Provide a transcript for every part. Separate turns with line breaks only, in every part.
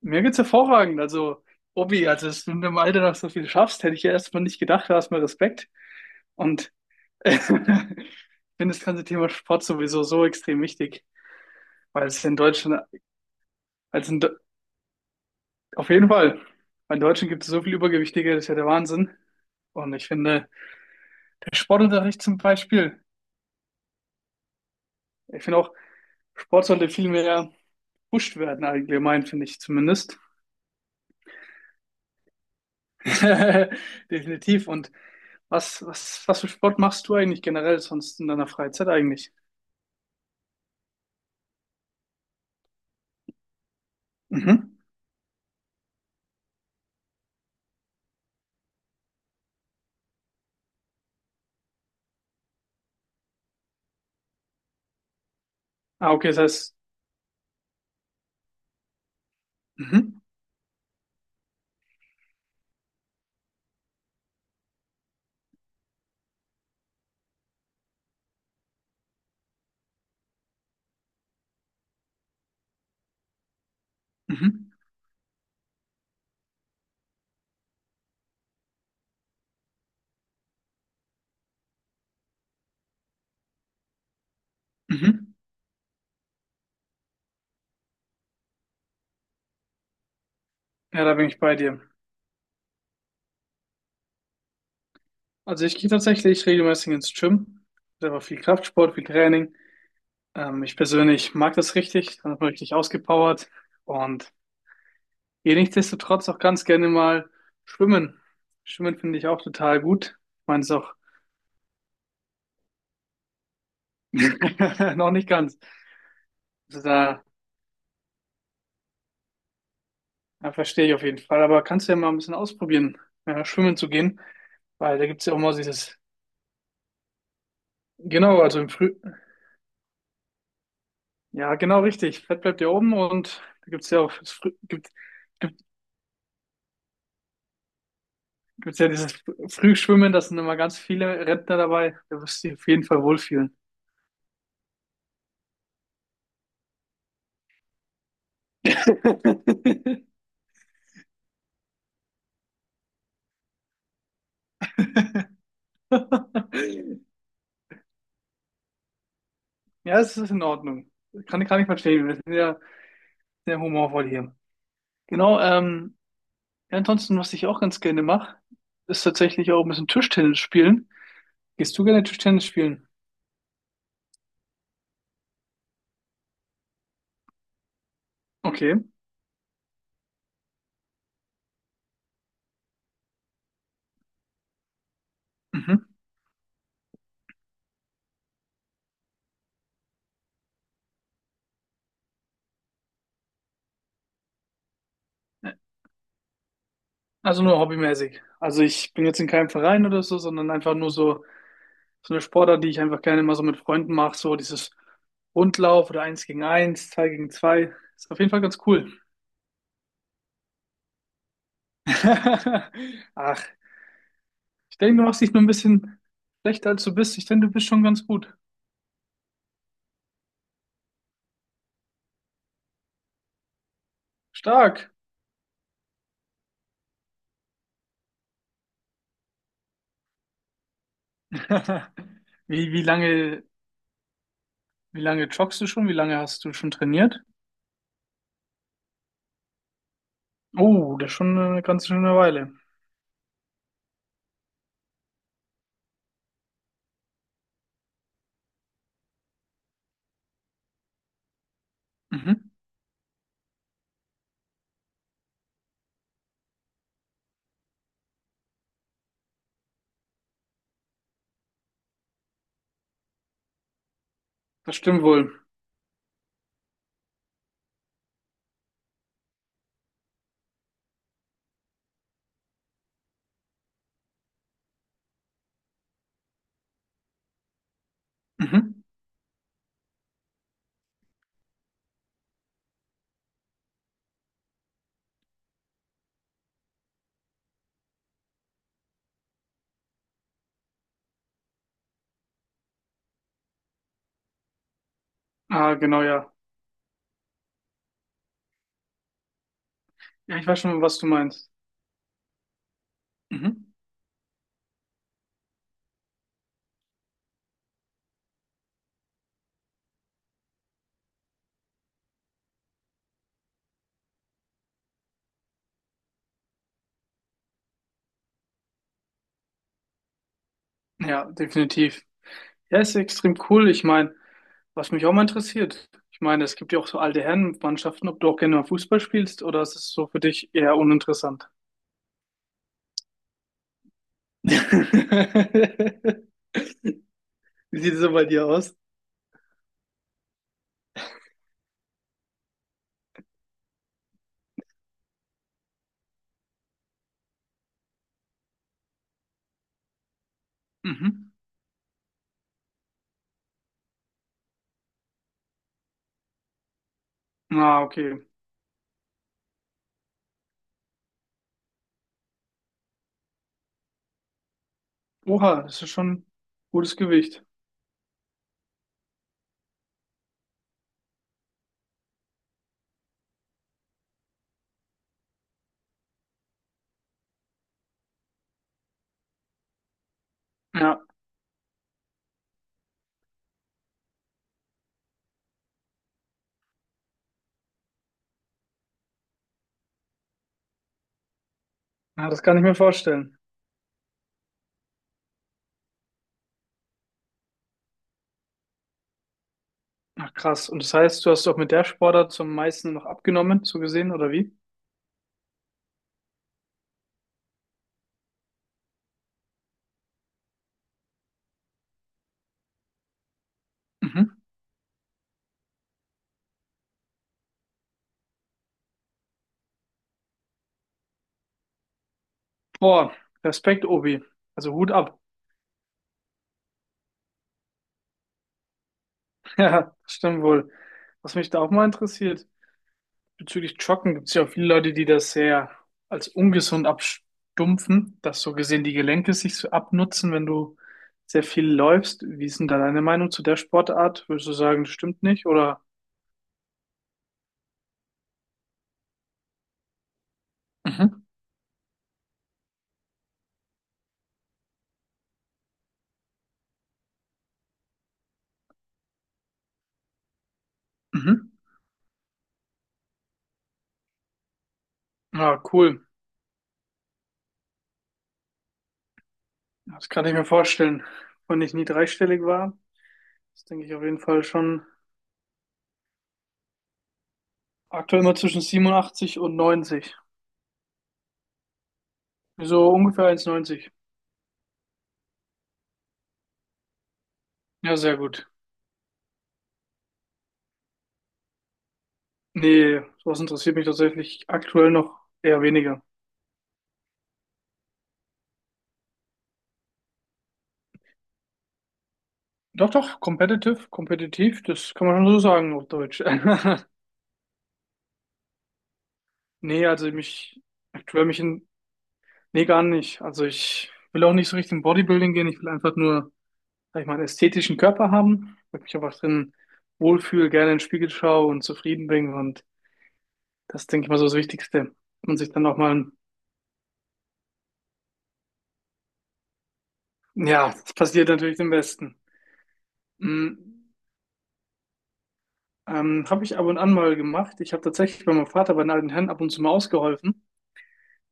Mir geht's hervorragend. Also, Obi, also, dass du in dem Alter noch so viel schaffst, hätte ich ja erstmal nicht gedacht. Da hast du mir Respekt. Und ich finde das ganze Thema Sport sowieso so extrem wichtig, weil es in Deutschland, also in, Do- auf jeden Fall, weil in Deutschland gibt es so viel Übergewichtige, das ist ja der Wahnsinn. Und ich finde, der Sportunterricht zum Beispiel, ich finde auch, Sport sollte viel mehr gepusht werden, allgemein, finde ich zumindest. Definitiv. Und was für Sport machst du eigentlich generell sonst in deiner Freizeit eigentlich? Mhm. Ah, okay, das heißt, mhm, mhm, mhm. Ja, da bin ich bei dir. Also ich gehe tatsächlich regelmäßig ins Gym. Selber viel Kraftsport, viel Training. Ich persönlich mag das richtig, dann ist man richtig ausgepowert und gehe nichtsdestotrotz auch ganz gerne mal schwimmen. Schwimmen finde ich auch total gut. Ich meine es auch noch nicht ganz. Also da Ja, verstehe ich auf jeden Fall. Aber kannst du ja mal ein bisschen ausprobieren, ja, schwimmen zu gehen. Weil da gibt's ja auch mal dieses. Genau, also im Früh. Ja, genau richtig. Fett bleibt ja oben und da gibt's ja auch das Früh gibt, gibt, gibt's ja dieses Frühschwimmen, da sind immer ganz viele Rentner dabei. Da wirst du dich auf jeden Fall wohlfühlen. Ja, es ist in Ordnung. Kann ich verstehen. Wir sind ja sehr humorvoll hier. Genau, ja, ansonsten, was ich auch ganz gerne mache, ist tatsächlich auch ein bisschen Tischtennis spielen. Gehst du gerne Tischtennis spielen? Okay. Mhm. Also nur hobbymäßig. Also ich bin jetzt in keinem Verein oder so, sondern einfach nur so, so eine Sportart, die ich einfach gerne mal so mit Freunden mache. So dieses Rundlauf oder eins gegen eins, zwei gegen zwei. Ist auf jeden Fall ganz cool. Ach, ich denke, du machst dich nur ein bisschen schlechter, als du bist. Ich denke, du bist schon ganz gut. Stark. Wie, wie lange, wie lange joggst du schon? Wie lange hast du schon trainiert? Oh, das ist schon eine ganz schöne Weile. Mhm. Das stimmt wohl. Mhm. Ah, genau, ja. Ja, ich weiß schon, was du meinst. Mhm. Ja, definitiv. Ja, ist extrem cool. Ich meine, was mich auch mal interessiert, ich meine, es gibt ja auch so alte Herrenmannschaften, ob du auch gerne mal Fußball spielst oder ist es so für dich eher uninteressant? Wie sieht es so bei dir aus? Mhm. Ah, okay. Oha, das ist schon gutes Gewicht. Ja, ja, das kann ich mir vorstellen. Ach, krass. Und das heißt, du hast auch mit der Sportart zum meisten noch abgenommen, so gesehen, oder wie? Mhm. Boah, Respekt, Obi. Also Hut ab. Ja, das stimmt wohl. Was mich da auch mal interessiert, bezüglich Joggen gibt es ja auch viele Leute, die das sehr als ungesund abstumpfen, dass so gesehen die Gelenke sich so abnutzen, wenn du sehr viel läufst. Wie ist denn da deine Meinung zu der Sportart? Würdest du sagen, das stimmt nicht? Oder? Mhm. Mhm. Ja, cool. Das kann ich mir vorstellen. Wenn ich nie dreistellig war, das denke ich auf jeden Fall schon aktuell immer zwischen 87 und 90. So ungefähr 1,90. Ja, sehr gut. Nee, sowas interessiert mich tatsächlich aktuell noch eher weniger. Doch, doch, competitive, kompetitiv, das kann man schon so sagen auf Deutsch. Nee, also mich, aktuell mich in, nee, gar nicht. Also ich will auch nicht so richtig in Bodybuilding gehen. Ich will einfach nur, sag ich mal, einen ästhetischen Körper haben, weil ich mich einfach drin wohlfühle, gerne in den Spiegel schaue und zufrieden bin. Und das, denke ich mal, so das Wichtigste. Und sich dann auch mal, ja, das passiert natürlich dem Besten. Mm, habe ich ab und an mal gemacht. Ich habe tatsächlich bei meinem Vater bei den alten Herren ab und zu mal ausgeholfen,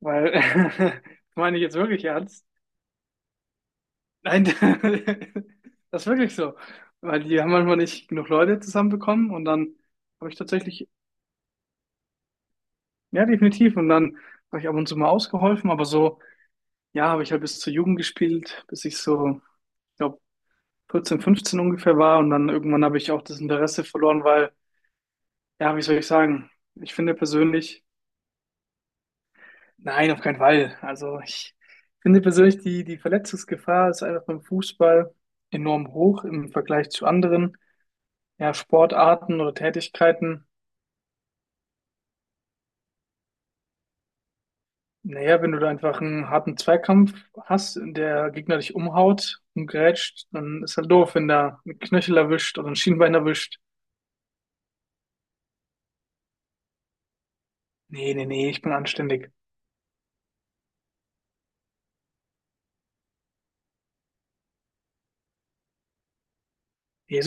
weil, das meine ich jetzt wirklich ernst. Nein, das ist wirklich so, weil die haben manchmal nicht genug Leute zusammenbekommen und dann habe ich tatsächlich, ja, definitiv, und dann habe ich ab und zu mal ausgeholfen, aber so, ja, habe ich halt bis zur Jugend gespielt, bis ich so, ich glaube, 14, 15 ungefähr war und dann irgendwann habe ich auch das Interesse verloren, weil, ja, wie soll ich sagen, ich finde persönlich. Nein, auf keinen Fall. Also ich finde persönlich, die Verletzungsgefahr ist einfach beim Fußball enorm hoch im Vergleich zu anderen, ja, Sportarten oder Tätigkeiten. Naja, wenn du da einfach einen harten Zweikampf hast, in der Gegner dich umhaut und grätscht, dann ist halt doof, wenn da ein Knöchel erwischt oder ein Schienbein erwischt. Nee, nee, nee, ich bin anständig. Nee, so